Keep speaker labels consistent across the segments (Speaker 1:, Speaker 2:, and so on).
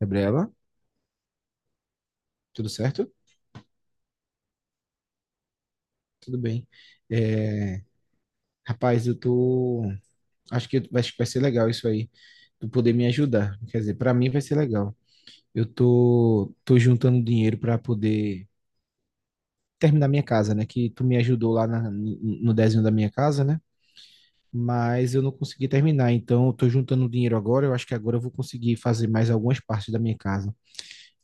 Speaker 1: Gabriela, tudo certo? Tudo bem. É, rapaz, eu tô. Acho que vai ser legal isso aí. Tu poder me ajudar. Quer dizer, pra mim vai ser legal. Tô juntando dinheiro pra poder terminar minha casa, né? Que tu me ajudou no desenho da minha casa, né? Mas eu não consegui terminar. Então, eu tô juntando dinheiro agora. Eu acho que agora eu vou conseguir fazer mais algumas partes da minha casa.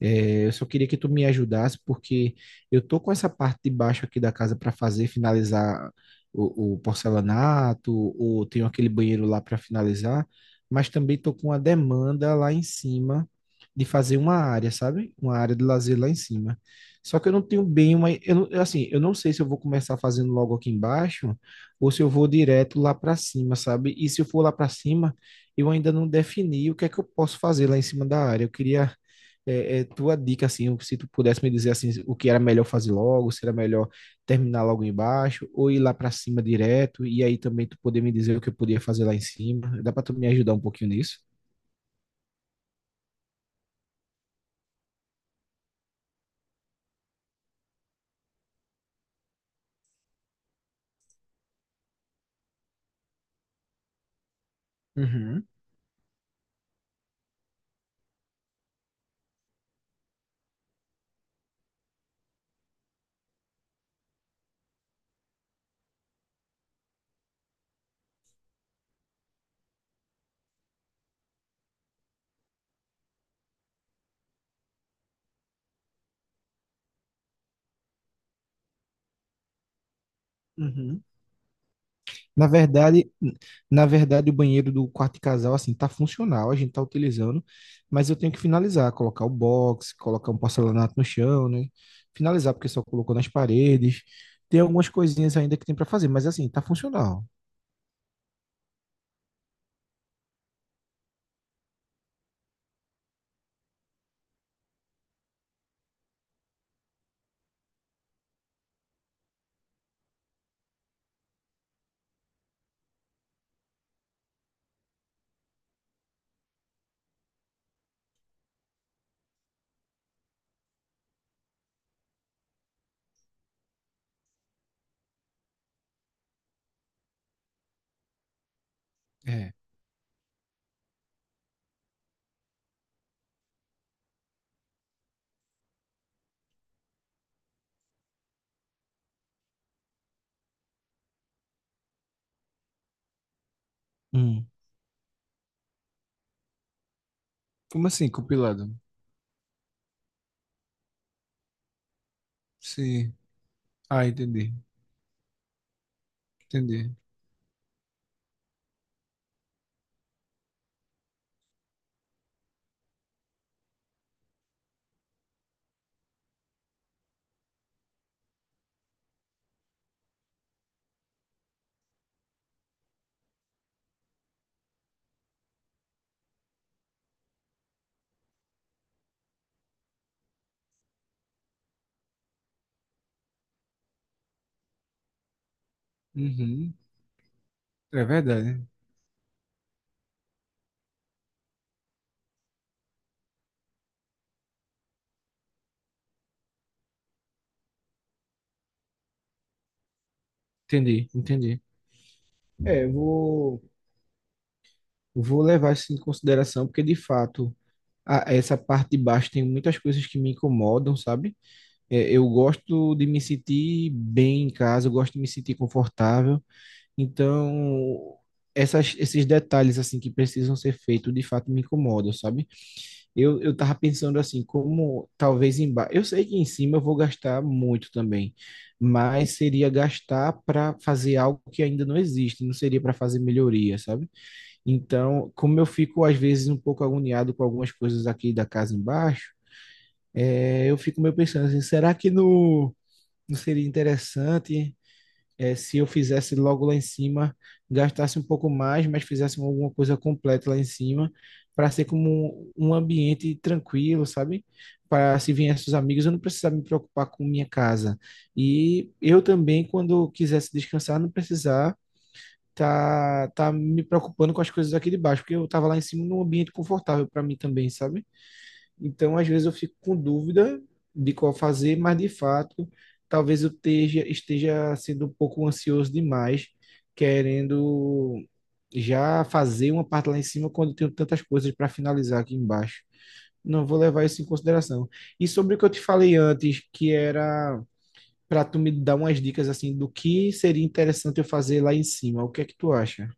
Speaker 1: É, eu só queria que tu me ajudasse, porque eu tô com essa parte de baixo aqui da casa para fazer, finalizar o porcelanato, ou tenho aquele banheiro lá para finalizar, mas também tô com uma demanda lá em cima de fazer uma área, sabe? Uma área de lazer lá em cima. Só que eu não tenho bem eu eu, assim, eu não sei se eu vou começar fazendo logo aqui embaixo ou se eu vou direto lá para cima, sabe? E se eu for lá para cima, eu ainda não defini o que é que eu posso fazer lá em cima da área. Eu queria tua dica, assim, se tu pudesse me dizer, assim, o que era melhor fazer logo, se era melhor terminar logo embaixo, ou ir lá para cima direto, e aí também tu poder me dizer o que eu podia fazer lá em cima. Dá para tu me ajudar um pouquinho nisso? Uhum, uhum. Na verdade, na verdade, o banheiro do quarto de casal, assim, tá funcional, a gente tá utilizando, mas eu tenho que finalizar, colocar o box, colocar um porcelanato no chão, né? Finalizar, porque só colocou nas paredes. Tem algumas coisinhas ainda que tem para fazer, mas assim, tá funcional. É. Como assim, compilado? Sim. Ah, entendi. Entendi. Uhum. É verdade. Entendi, entendi. É, vou levar isso em consideração, porque de fato, essa parte de baixo tem muitas coisas que me incomodam, sabe? É, eu gosto de me sentir bem em casa, eu gosto de me sentir confortável. Então, esses detalhes assim que precisam ser feitos, de fato, me incomodam, sabe? Eu tava pensando assim, como talvez embaixo. Eu sei que em cima eu vou gastar muito também, mas seria gastar para fazer algo que ainda não existe, não seria para fazer melhoria, sabe? Então, como eu fico às vezes um pouco agoniado com algumas coisas aqui da casa embaixo, é, eu fico meio pensando assim, será que no, não seria interessante? É, se eu fizesse logo lá em cima, gastasse um pouco mais, mas fizesse alguma coisa completa lá em cima, para ser como um ambiente tranquilo, sabe? Para se viessem os amigos, eu não precisava me preocupar com minha casa. E eu também, quando quisesse descansar, não precisar tá me preocupando com as coisas aqui de baixo, porque eu estava lá em cima num ambiente confortável para mim também, sabe? Então, às vezes eu fico com dúvida de qual fazer, mas de fato, talvez esteja sendo um pouco ansioso demais, querendo já fazer uma parte lá em cima quando eu tenho tantas coisas para finalizar aqui embaixo. Não vou levar isso em consideração. E sobre o que eu te falei antes, que era para tu me dar umas dicas assim do que seria interessante eu fazer lá em cima. O que é que tu acha?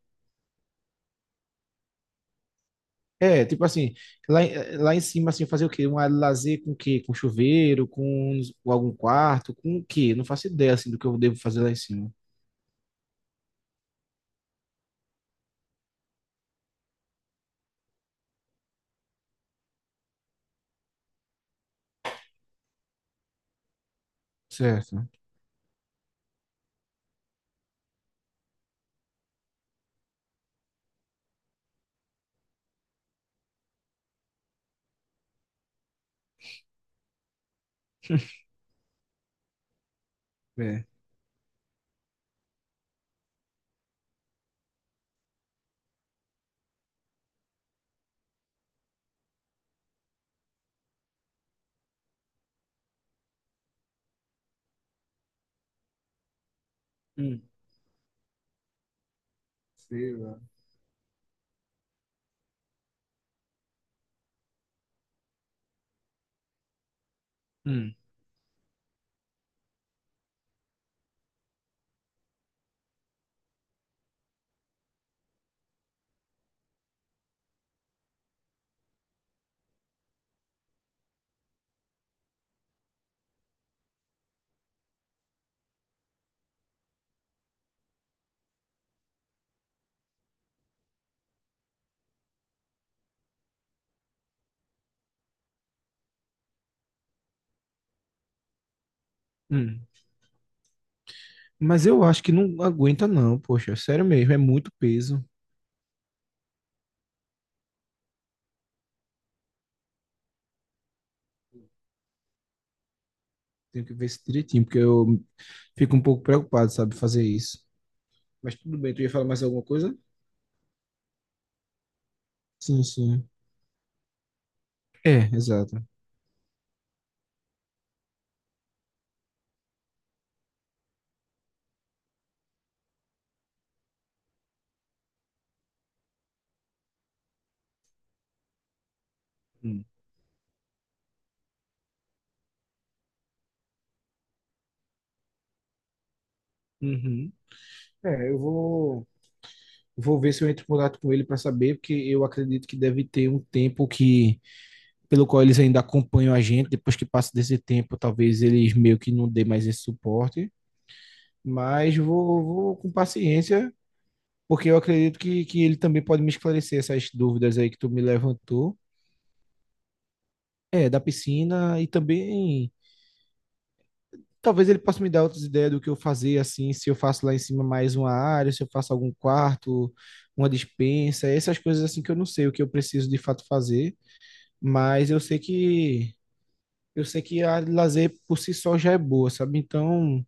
Speaker 1: É, tipo assim, lá em cima, assim, fazer o quê? Um área de lazer com o quê? Com chuveiro, com algum quarto, com o quê? Não faço ideia, assim, do que eu devo fazer lá em cima. Certo. É. Hum, sei lá. Hum, hum. Mas eu acho que não aguenta, não, poxa, sério mesmo, é muito peso. Tenho que ver isso direitinho, porque eu fico um pouco preocupado, sabe, fazer isso. Mas tudo bem, tu ia falar mais alguma coisa? Sim, sim. É, exato. Hum. Uhum. É, eu vou. Vou ver se eu entro em contato com ele para saber, porque eu acredito que deve ter um tempo que pelo qual eles ainda acompanham a gente. Depois que passa desse tempo, talvez eles meio que não dê mais esse suporte. Mas vou com paciência, porque eu acredito que ele também pode me esclarecer essas dúvidas aí que tu me levantou. É, da piscina e também talvez ele possa me dar outras ideias do que eu fazer, assim, se eu faço lá em cima mais uma área, se eu faço algum quarto, uma despensa, essas coisas assim que eu não sei o que eu preciso de fato fazer. Mas eu sei que a lazer por si só já é boa, sabe? Então,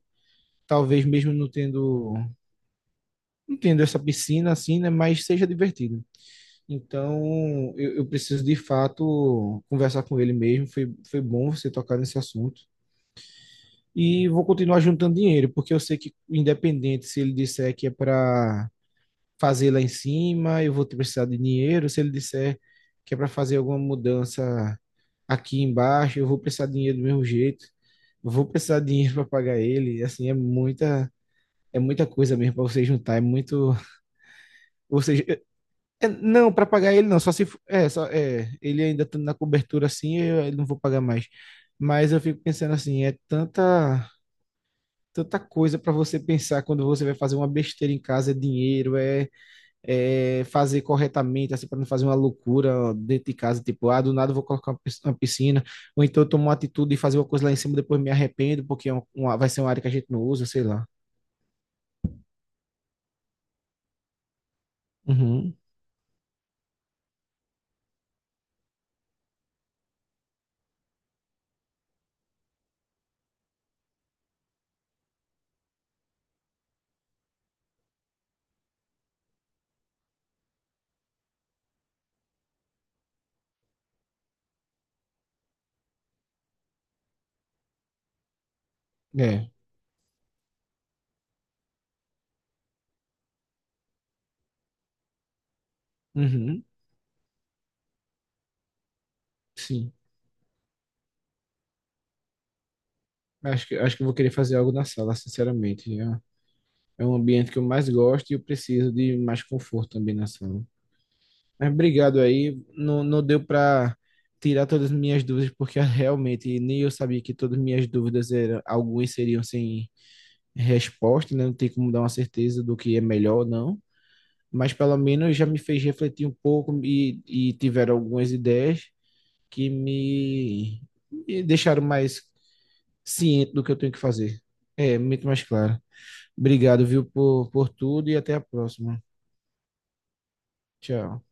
Speaker 1: talvez mesmo não tendo não tendo essa piscina assim, né, mas seja divertido. Então, eu preciso de fato conversar com ele mesmo. Foi bom você tocar nesse assunto. E vou continuar juntando dinheiro, porque eu sei que, independente se ele disser que é para fazer lá em cima, eu vou ter precisar de dinheiro. Se ele disser que é para fazer alguma mudança aqui embaixo, eu vou precisar de dinheiro do mesmo jeito, eu vou precisar de dinheiro para pagar ele, assim, é muita coisa mesmo para você juntar, é muito, ou seja, não, para pagar ele não, só se for- é, só é, ele ainda tá na cobertura assim, eu não vou pagar mais. Mas eu fico pensando assim, é tanta tanta coisa para você pensar quando você vai fazer uma besteira em casa, é dinheiro, é, fazer corretamente, assim, para não fazer uma loucura dentro de casa, tipo, ah, do nada eu vou colocar uma uma piscina, ou então eu tomo uma atitude de fazer uma coisa lá em cima, depois me arrependo, porque é vai ser uma área que a gente não usa, sei lá. Uhum. É. Uhum. Sim. Acho que eu vou querer fazer algo na sala, sinceramente. É, é um ambiente que eu mais gosto e eu preciso de mais conforto também na sala. Mas obrigado aí. Não, não deu para tirar todas as minhas dúvidas, porque realmente nem eu sabia que todas as minhas dúvidas eram, algumas seriam sem resposta, né? Não tem como dar uma certeza do que é melhor ou não, mas pelo menos já me fez refletir um pouco e tiveram algumas ideias que me deixaram mais ciente do que eu tenho que fazer. É, muito mais claro. Obrigado, viu, por tudo e até a próxima. Tchau.